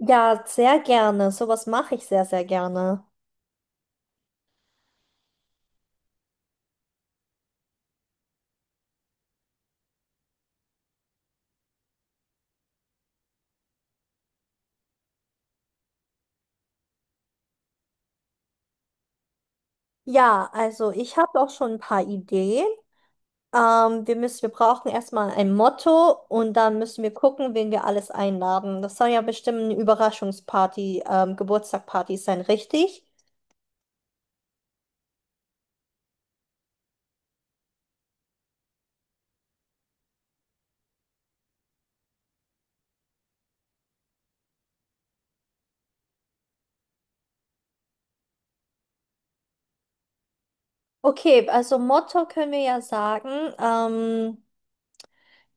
Ja, sehr gerne. Sowas mache ich sehr, sehr gerne. Ja, also ich habe auch schon ein paar Ideen. Wir brauchen erstmal ein Motto und dann müssen wir gucken, wen wir alles einladen. Das soll ja bestimmt eine Überraschungsparty, Geburtstagparty sein, richtig? Okay, also Motto können wir ja sagen,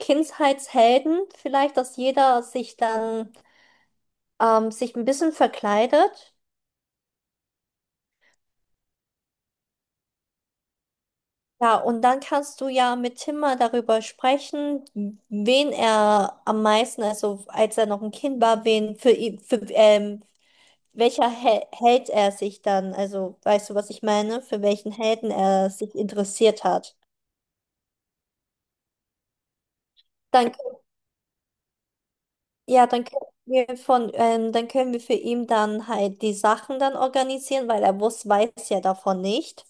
Kindheitshelden, vielleicht, dass jeder sich dann sich ein bisschen verkleidet. Ja, und dann kannst du ja mit Tim mal darüber sprechen, wen er am meisten, also als er noch ein Kind war, wen für ihn, für welcher Hel Held er sich dann, also weißt du, was ich meine, für welchen Helden er sich interessiert hat. Dann, ja, dann können wir dann können wir für ihn dann halt die Sachen dann organisieren, weil er weiß ja davon nicht.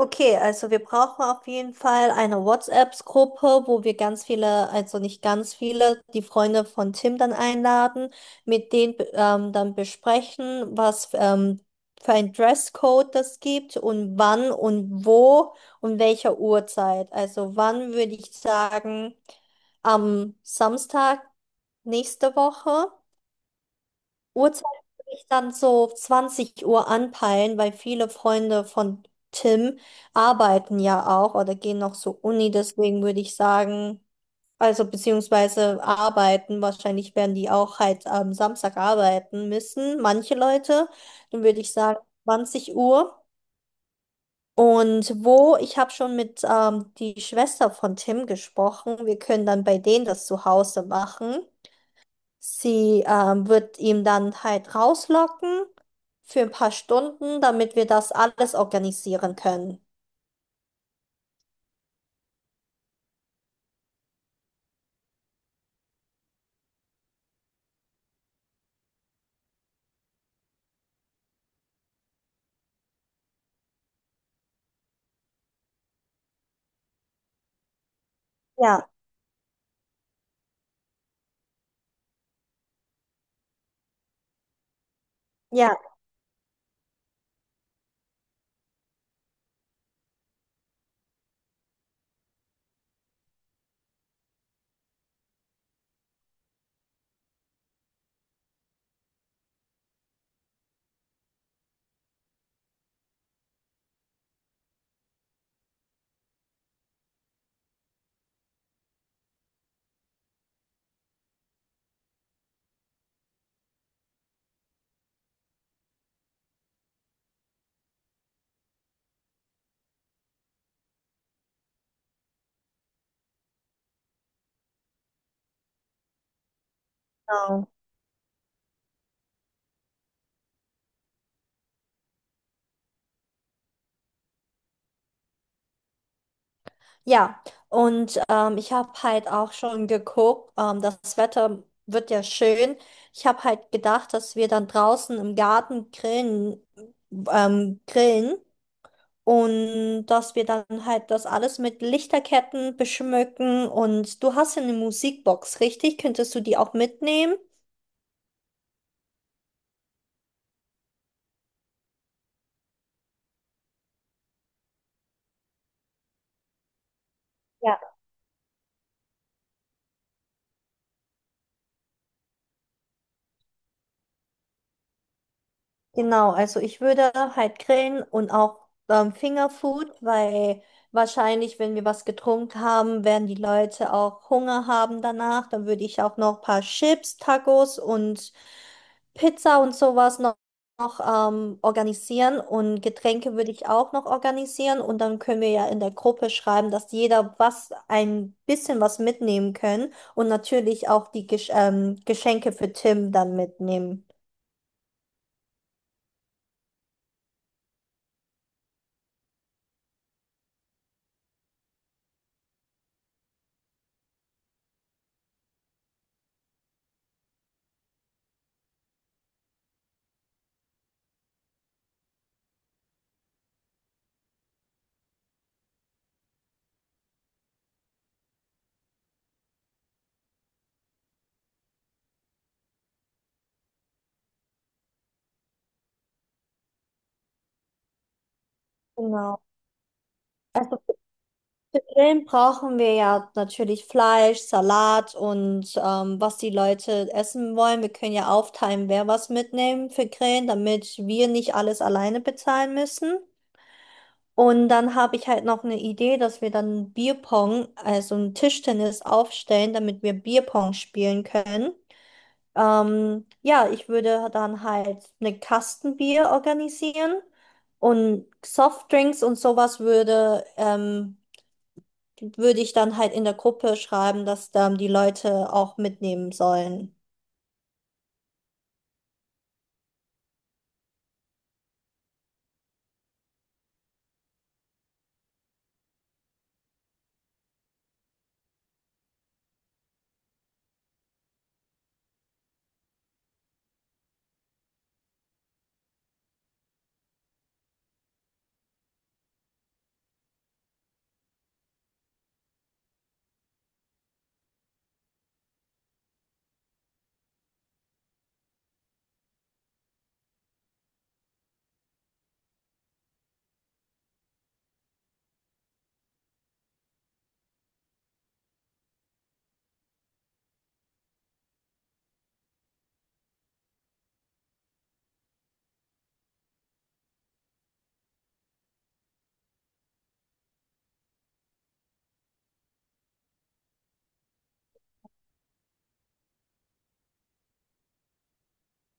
Okay, also wir brauchen auf jeden Fall eine WhatsApp-Gruppe, wo wir ganz viele, also nicht ganz viele, die Freunde von Tim dann einladen, mit denen dann besprechen, was für ein Dresscode das gibt und wann und wo und welcher Uhrzeit. Also wann würde ich sagen, am Samstag nächste Woche. Uhrzeit würde ich dann so 20 Uhr anpeilen, weil viele Freunde von Tim arbeiten ja auch oder gehen noch zur Uni, deswegen würde ich sagen, also beziehungsweise arbeiten, wahrscheinlich werden die auch halt am Samstag arbeiten müssen, manche Leute, dann würde ich sagen 20 Uhr. Und wo, ich habe schon mit die Schwester von Tim gesprochen, wir können dann bei denen das zu Hause machen. Sie wird ihn dann halt rauslocken für ein paar Stunden, damit wir das alles organisieren können. Ja, ja, genau. Ja, und ich habe halt auch schon geguckt, das Wetter wird ja schön. Ich habe halt gedacht, dass wir dann draußen im Garten grillen und dass wir dann halt das alles mit Lichterketten beschmücken. Und du hast ja eine Musikbox, richtig? Könntest du die auch mitnehmen? Genau, also ich würde halt grillen und auch Fingerfood, weil wahrscheinlich, wenn wir was getrunken haben, werden die Leute auch Hunger haben danach. Dann würde ich auch noch ein paar Chips, Tacos und Pizza und noch organisieren. Und Getränke würde ich auch noch organisieren. Und dann können wir ja in der Gruppe schreiben, dass jeder was ein bisschen was mitnehmen können und natürlich auch die Geschenke für Tim dann mitnehmen. Genau. Also Grillen brauchen wir ja natürlich Fleisch, Salat und was die Leute essen wollen. Wir können ja aufteilen, wer was mitnehmen für Grillen, damit wir nicht alles alleine bezahlen müssen. Und dann habe ich halt noch eine Idee, dass wir dann Bierpong, also ein Tischtennis aufstellen, damit wir Bierpong spielen können. Ja, ich würde dann halt eine Kastenbier organisieren und Softdrinks und sowas würde ich dann halt in der Gruppe schreiben, dass dann die Leute auch mitnehmen sollen.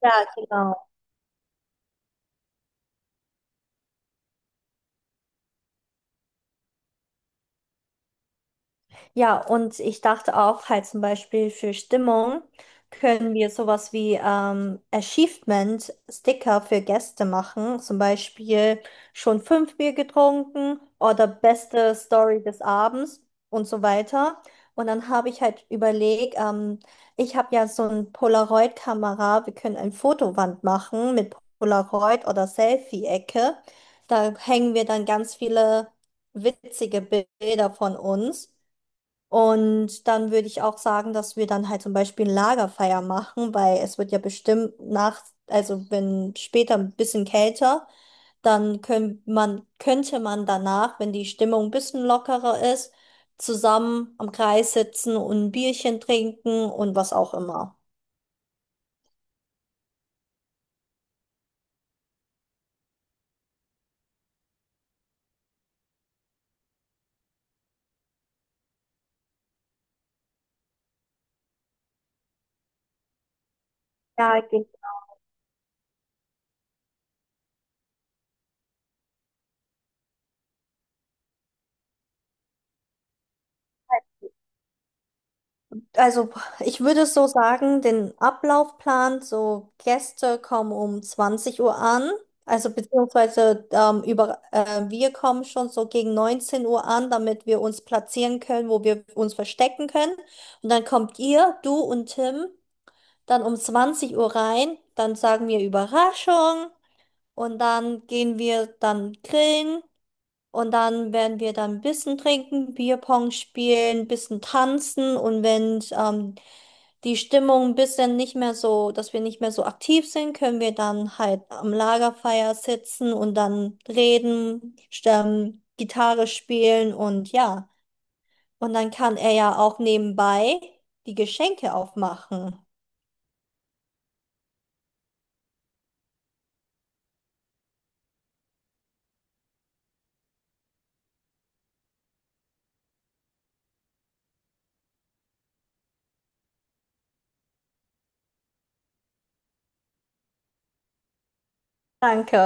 Ja, genau. Ja, und ich dachte auch halt zum Beispiel für Stimmung können wir sowas wie Achievement-Sticker für Gäste machen. Zum Beispiel schon 5 Bier getrunken oder beste Story des Abends und so weiter. Und dann habe ich halt überlegt, ich habe ja so eine Polaroid-Kamera. Wir können eine Fotowand machen mit Polaroid oder Selfie-Ecke. Da hängen wir dann ganz viele witzige Bilder von uns. Und dann würde ich auch sagen, dass wir dann halt zum Beispiel ein Lagerfeuer machen, weil es wird ja bestimmt nach, also wenn später ein bisschen kälter, könnte man danach, wenn die Stimmung ein bisschen lockerer ist, zusammen am Kreis sitzen und ein Bierchen trinken und was auch immer. Ja, genau. Also ich würde so sagen, den Ablaufplan, so Gäste kommen um 20 Uhr an, also wir kommen schon so gegen 19 Uhr an, damit wir uns platzieren können, wo wir uns verstecken können. Und dann kommt ihr, du und Tim, dann um 20 Uhr rein, dann sagen wir Überraschung und dann gehen wir dann grillen und dann werden wir dann ein bisschen trinken, Bierpong spielen, ein bisschen tanzen. Und wenn die Stimmung ein bisschen nicht mehr so, dass wir nicht mehr so aktiv sind, können wir dann halt am Lagerfeuer sitzen und dann reden, stimmen, Gitarre spielen und ja. Und dann kann er ja auch nebenbei die Geschenke aufmachen. Danke.